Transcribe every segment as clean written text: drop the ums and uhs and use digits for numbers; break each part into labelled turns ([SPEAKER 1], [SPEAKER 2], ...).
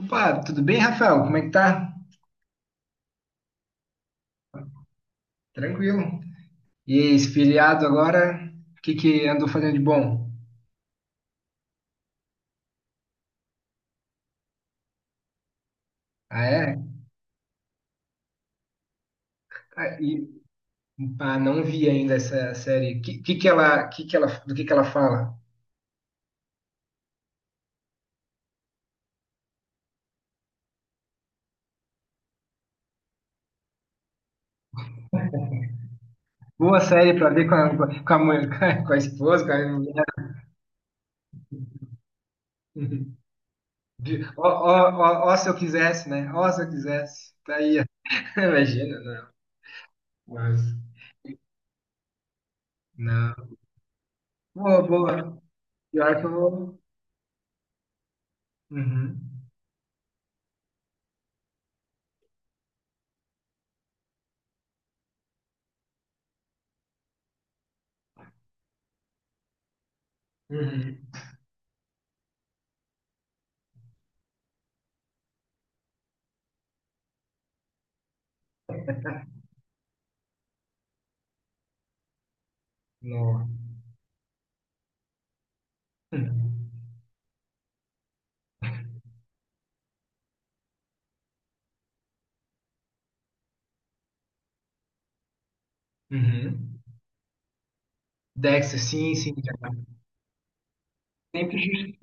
[SPEAKER 1] Opa, tudo bem, Rafael? Como é que tá? Tranquilo. E aí, esfiliado agora, o que que andou fazendo de bom? Ah, é? Ah, não vi ainda essa série. Do que ela fala? Boa série pra ver com a mãe, com a esposa, com a mulher. Ó, ó, ó, ó, se eu quisesse, né? Ó, se eu quisesse. Tá aí, ó. Imagina, não. Mas, não. Boa, boa. Pior que eu vou. Uhum. Uhum. Não. Hum. Uhum. Dexter, sim, sim, cara. Sempre just-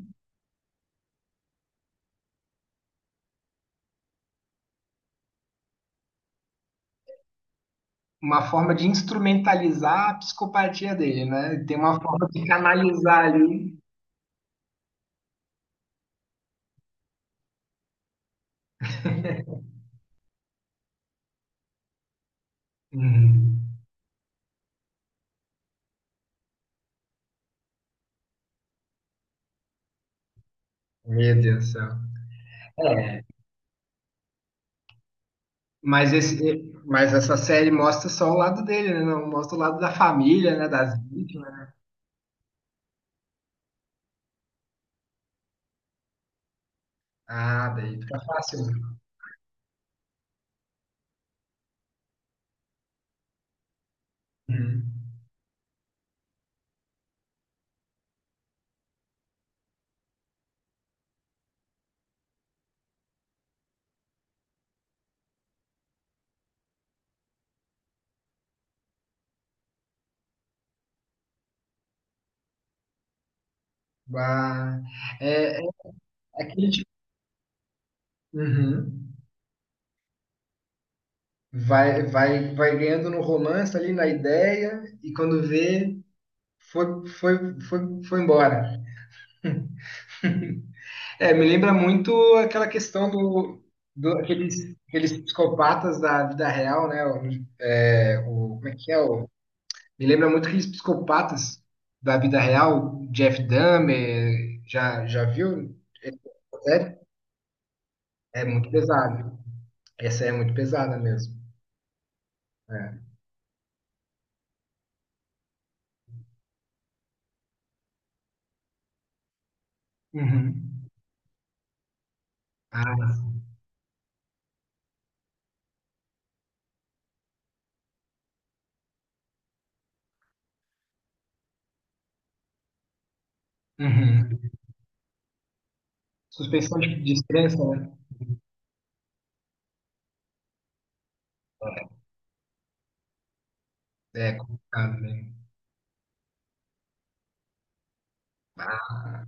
[SPEAKER 1] uma forma de instrumentalizar a psicopatia dele, né? Tem uma forma de canalizar ali. Uhum. Meu Deus do céu. É. Mas, esse, mas essa série mostra só o lado dele, né? Não mostra o lado da família, né? Das vítimas, né? Ah, daí fica fácil. Uhum. Bah. É, é aquele tipo. Uhum. Vai, vai, vai ganhando no romance ali, na ideia, e quando vê. Foi, foi, foi, foi embora. É, me lembra muito aquela questão do aqueles psicopatas da vida real, né? Como é que é? Me lembra muito aqueles psicopatas da vida real, Jeff Dahmer, já viu? Essa É muito pesado. Essa é muito pesada mesmo. É. Uhum. Ah, uhum. Suspensão de descrença, né? É complicado mesmo. Ah,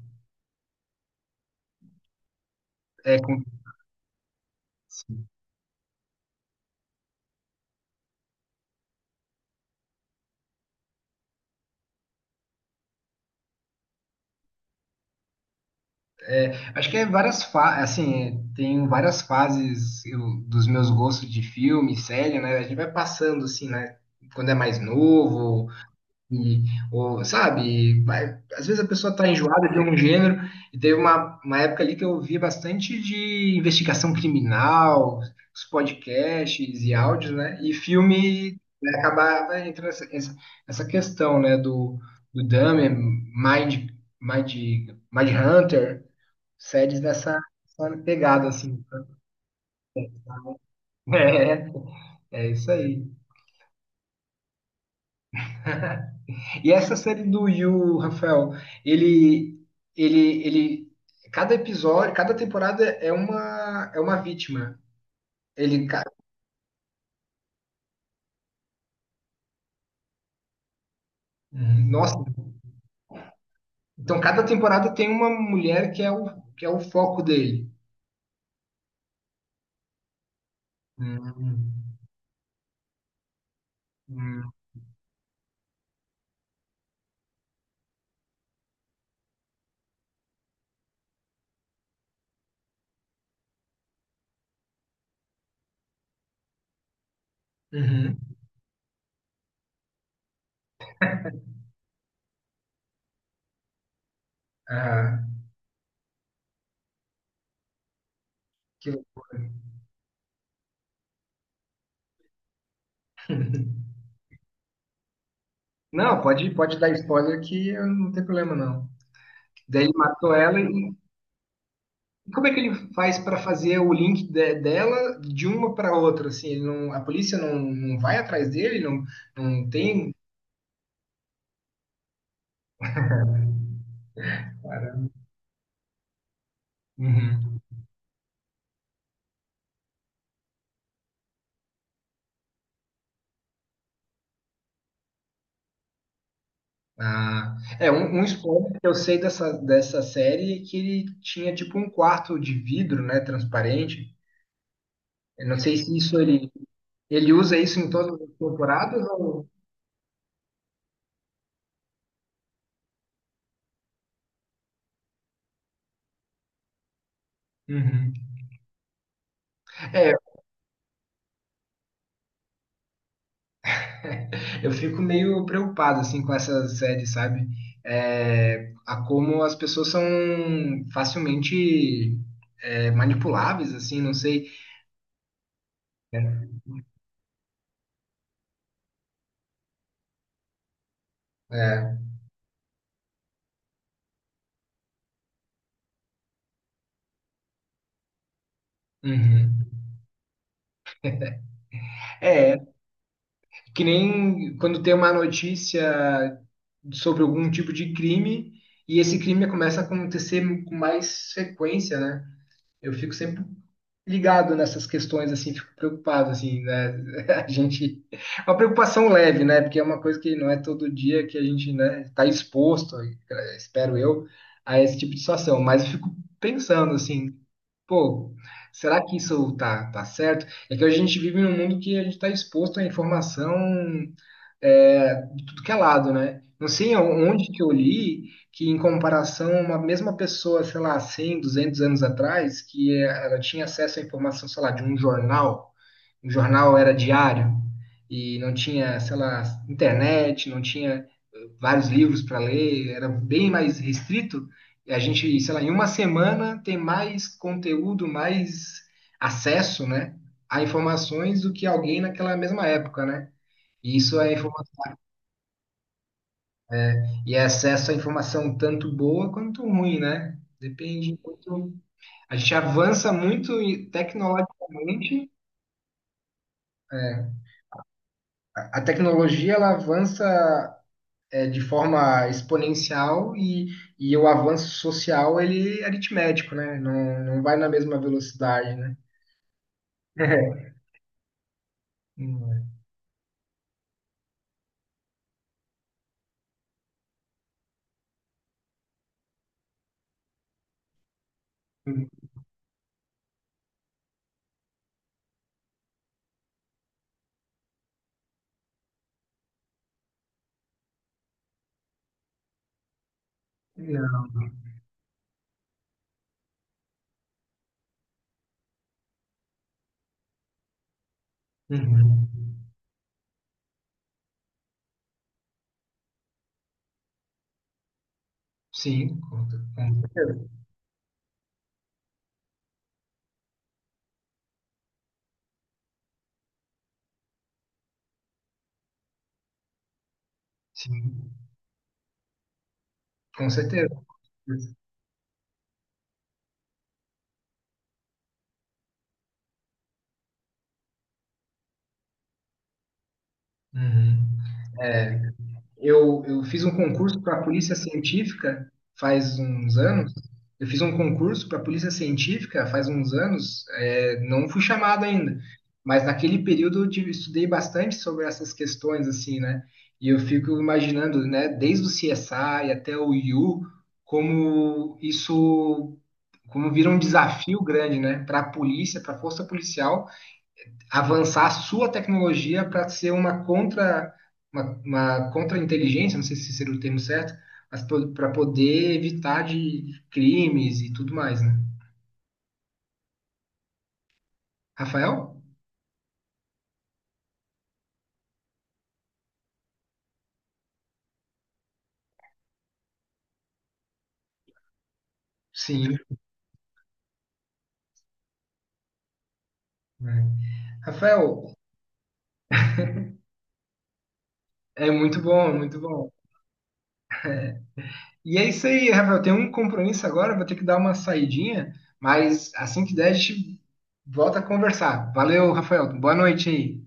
[SPEAKER 1] é complicado. É, acho que é várias fa assim, tem várias fases dos meus gostos de filme, série, né? A gente vai passando assim, né? Quando é mais novo, e, ou, sabe? Às vezes a pessoa tá enjoada de um gênero, e teve uma época ali que eu via bastante de investigação criminal, os podcasts e áudios, né? E filme né, acabava entrando essa questão, né? Do Dahmer, Mind, Mind Hunter séries nessa pegada, assim. É, é isso aí. E essa série do Yu, Rafael, ele, ele, cada episódio, cada temporada é uma, vítima. Ele, ca- nossa, então cada temporada tem uma mulher que é o foco dele. Hum, hum, uhum. Ah, que loucura. Não, pode dar spoiler que eu não tem problema, não. Daí ele matou ela. E como é que ele faz para fazer o link dela de uma para outra? Assim, ele não, a polícia não, não vai atrás dele, não, não tem. Uhum. Ah, é um spoiler que eu sei dessa série é que ele tinha tipo um quarto de vidro, né, transparente. Eu não sei se isso ele usa isso em todas as temporadas ou. Uhum. É, eu fico meio preocupado assim com essas séries, sabe? É, a como as pessoas são facilmente manipuláveis, assim, não sei. É, é, uhum. É, que nem quando tem uma notícia sobre algum tipo de crime e esse crime começa a acontecer com mais frequência, né? Eu fico sempre ligado nessas questões, assim, fico preocupado, assim, né? A gente. Uma preocupação leve, né? Porque é uma coisa que não é todo dia que a gente, né, está exposto, espero eu, a esse tipo de situação. Mas eu fico pensando, assim, pô, será que isso tá certo? É que a gente vive num mundo que a gente está exposto à informação de tudo que é lado, né? Não sei onde que eu li que, em comparação, uma mesma pessoa, sei lá, 100, 200 anos atrás, que é, ela tinha acesso à informação, sei lá, de um jornal era diário, e não tinha, sei lá, internet, não tinha vários livros para ler, era bem mais restrito. E a gente, sei lá, em uma semana tem mais conteúdo, mais acesso, né, a informações do que alguém naquela mesma época, né? E isso é informação e acesso à informação tanto boa quanto ruim, né? Depende muito. A gente avança muito e, tecnologicamente. A tecnologia ela avança de forma exponencial e o avanço social ele é aritmético, né? Não, não vai na mesma velocidade, né? Não é. Não. Uhum. Sim, com certeza. Sim, com certeza. Uhum. Eu fiz um concurso para a Polícia Científica faz uns anos. Eu fiz um concurso para a Polícia Científica faz uns anos. Não fui chamado ainda, mas naquele período eu estudei bastante sobre essas questões, assim, né? E eu fico imaginando, né, desde o CSI até o IU, como isso, como vira um desafio grande, né, para a polícia, para a força policial avançar a sua tecnologia para ser uma contra-inteligência, não sei se seria o termo certo, mas para poder evitar de crimes e tudo mais, né? Rafael? Sim, né? Rafael, é muito bom, é muito bom. E é isso aí, Rafael. Tem um compromisso agora, vou ter que dar uma saidinha, mas assim que der, a gente volta a conversar. Valeu, Rafael. Boa noite aí.